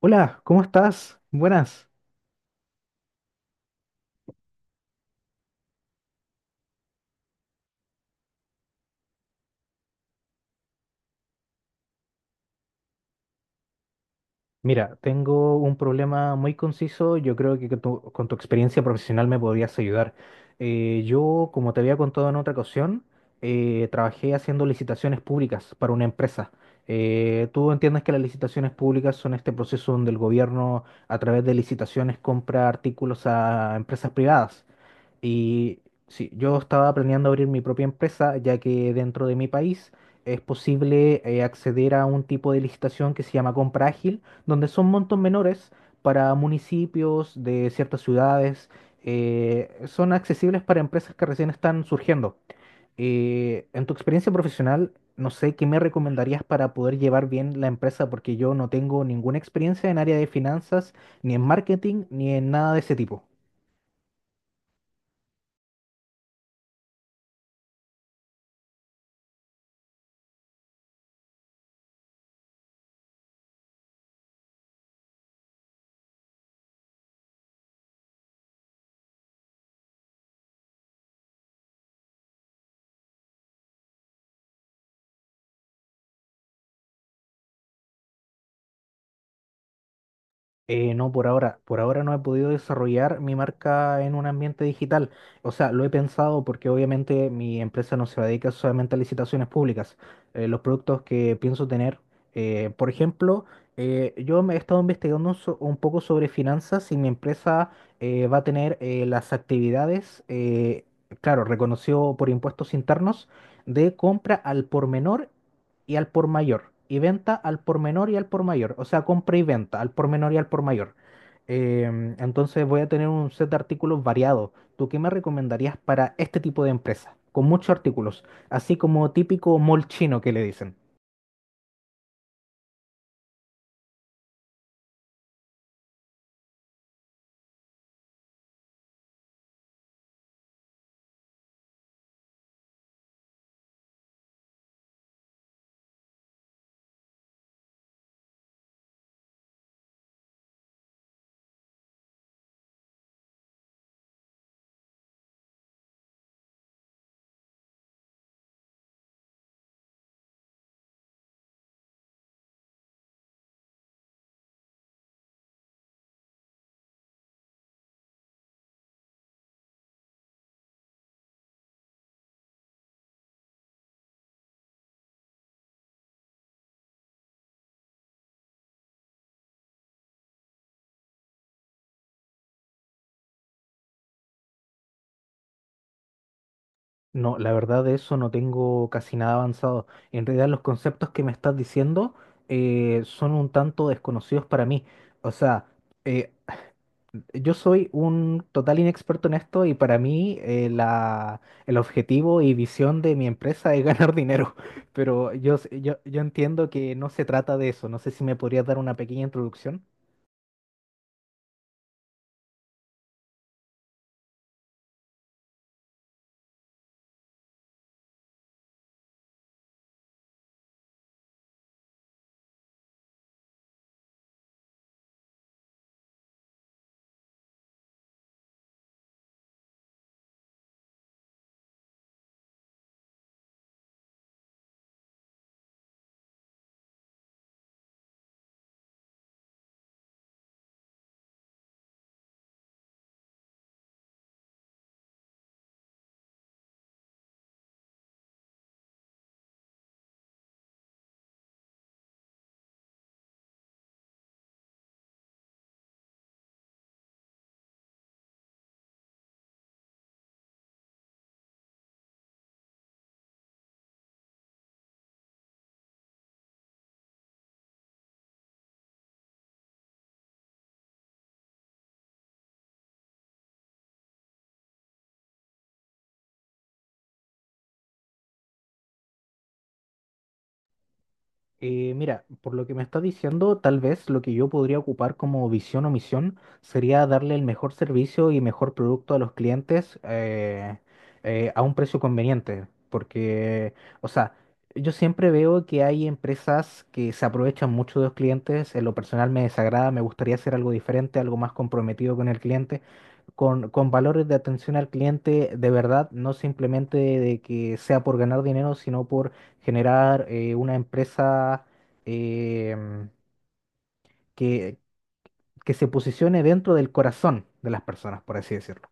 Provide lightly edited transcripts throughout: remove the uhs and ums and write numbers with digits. Hola, ¿cómo estás? Buenas. Mira, tengo un problema muy conciso. Yo creo que con tu experiencia profesional me podrías ayudar. Yo, como te había contado en otra ocasión, trabajé haciendo licitaciones públicas para una empresa. Tú entiendes que las licitaciones públicas son este proceso donde el gobierno, a través de licitaciones, compra artículos a empresas privadas. Y sí, yo estaba planeando abrir mi propia empresa, ya que dentro de mi país es posible acceder a un tipo de licitación que se llama compra ágil, donde son montos menores para municipios de ciertas ciudades. Son accesibles para empresas que recién están surgiendo. En tu experiencia profesional, no sé qué me recomendarías para poder llevar bien la empresa, porque yo no tengo ninguna experiencia en área de finanzas, ni en marketing, ni en nada de ese tipo. No, por ahora. Por ahora no he podido desarrollar mi marca en un ambiente digital. O sea, lo he pensado porque obviamente mi empresa no se dedica solamente a licitaciones públicas. Los productos que pienso tener, por ejemplo, yo me he estado investigando un poco sobre finanzas y mi empresa va a tener las actividades, claro, reconocido por impuestos internos, de compra al por menor y al por mayor, y venta al por menor y al por mayor, o sea, compra y venta al por menor y al por mayor. Entonces voy a tener un set de artículos variado. ¿Tú qué me recomendarías para este tipo de empresa? Con muchos artículos, así como típico mall chino que le dicen. No, la verdad de eso no tengo casi nada avanzado. En realidad los conceptos que me estás diciendo son un tanto desconocidos para mí. O sea, eh, yo soy un total inexperto en esto y para mí el objetivo y visión de mi empresa es ganar dinero, pero yo entiendo que no se trata de eso. No sé si me podrías dar una pequeña introducción. Mira, por lo que me está diciendo, tal vez lo que yo podría ocupar como visión o misión sería darle el mejor servicio y mejor producto a los clientes a un precio conveniente. Porque, o sea, yo siempre veo que hay empresas que se aprovechan mucho de los clientes. En lo personal me desagrada, me gustaría hacer algo diferente, algo más comprometido con el cliente con valores de atención al cliente de verdad, no simplemente de que sea por ganar dinero, sino por generar una empresa em, que, que se posicione dentro del corazón de las personas, por así decirlo.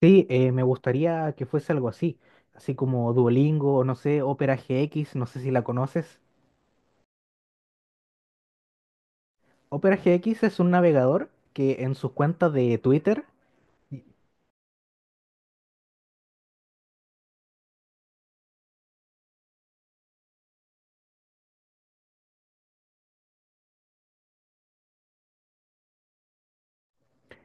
Sí, me gustaría que fuese algo así, así como Duolingo, o no sé, Opera GX, no sé si la conoces. Opera GX es un navegador que en sus cuentas de Twitter, y-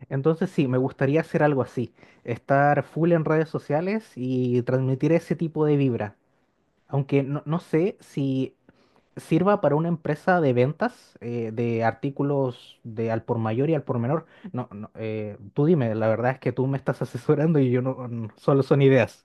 entonces sí, me gustaría hacer algo así, estar full en redes sociales y transmitir ese tipo de vibra. Aunque no, no sé si sirva para una empresa de ventas de artículos de al por mayor y al por menor. No, no, tú dime, la verdad es que tú me estás asesorando y yo solo son ideas.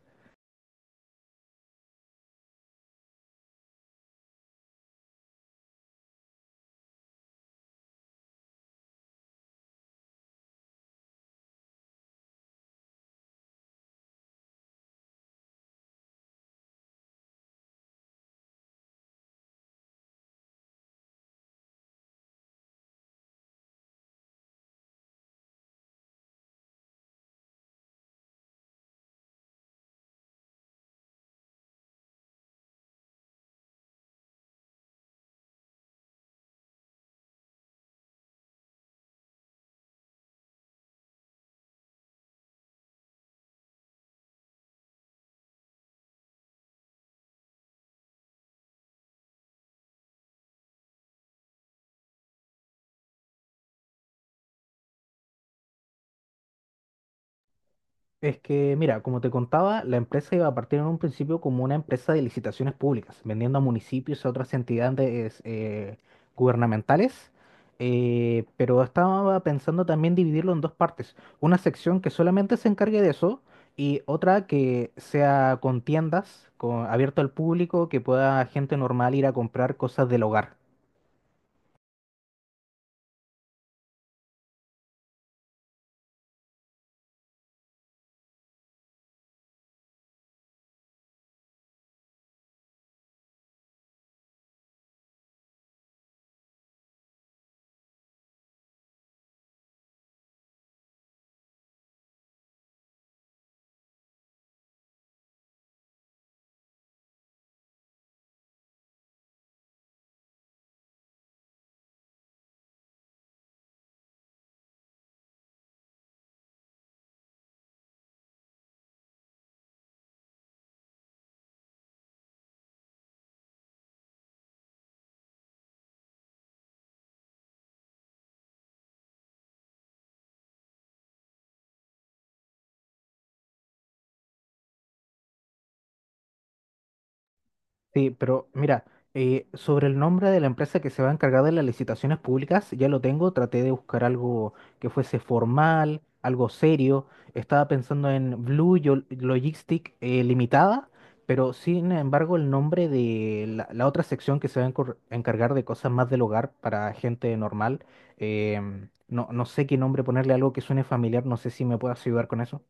Es que, mira, como te contaba, la empresa iba a partir en un principio como una empresa de licitaciones públicas, vendiendo a municipios y otras entidades gubernamentales, pero estaba pensando también dividirlo en dos partes, una sección que solamente se encargue de eso y otra que sea con tiendas, con, abierto al público, que pueda gente normal ir a comprar cosas del hogar. Sí, pero mira, sobre el nombre de la empresa que se va a encargar de las licitaciones públicas, ya lo tengo, traté de buscar algo que fuese formal, algo serio. Estaba pensando en Logistic Limitada, pero sin embargo el nombre de la otra sección que se va a encargar de cosas más del hogar para gente normal, no sé qué nombre ponerle, algo que suene familiar, no sé si me puedes ayudar con eso.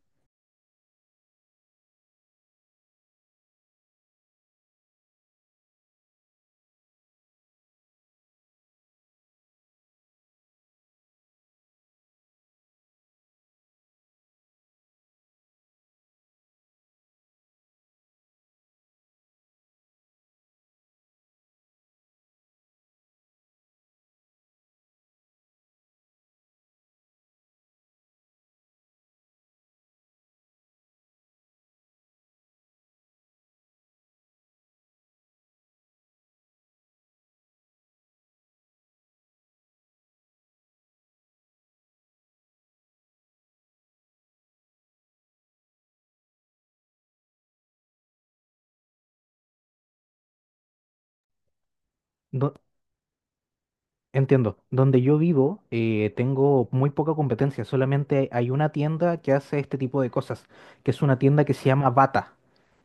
Entiendo. Donde yo vivo, tengo muy poca competencia. Solamente hay una tienda que hace este tipo de cosas, que es una tienda que se llama Bata.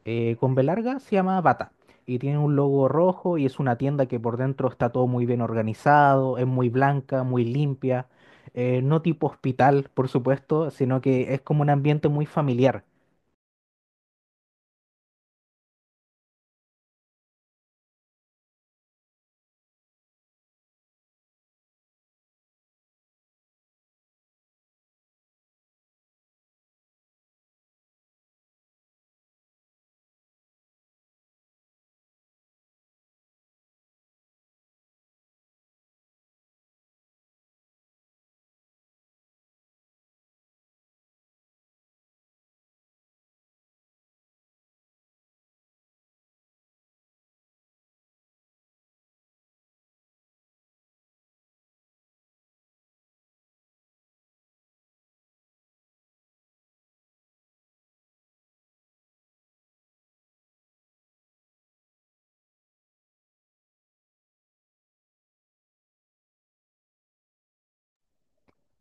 Con B larga se llama Bata. Y tiene un logo rojo y es una tienda que por dentro está todo muy bien organizado, es muy blanca, muy limpia. No tipo hospital, por supuesto, sino que es como un ambiente muy familiar.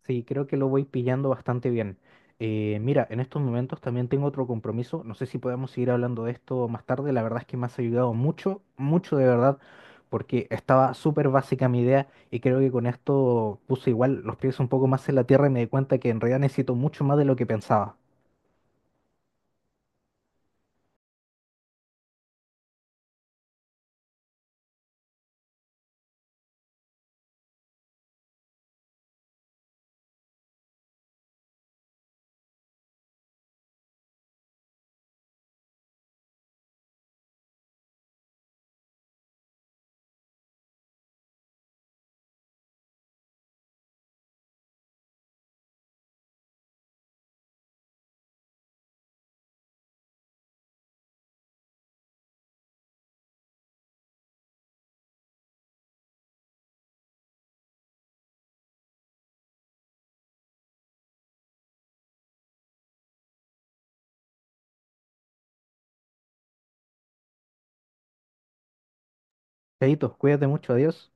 Sí, creo que lo voy pillando bastante bien. Mira, en estos momentos también tengo otro compromiso. No sé si podemos seguir hablando de esto más tarde. La verdad es que me has ayudado mucho, mucho de verdad, porque estaba súper básica mi idea y creo que con esto puse igual los pies un poco más en la tierra y me di cuenta que en realidad necesito mucho más de lo que pensaba. Chaito, cuídate mucho, adiós.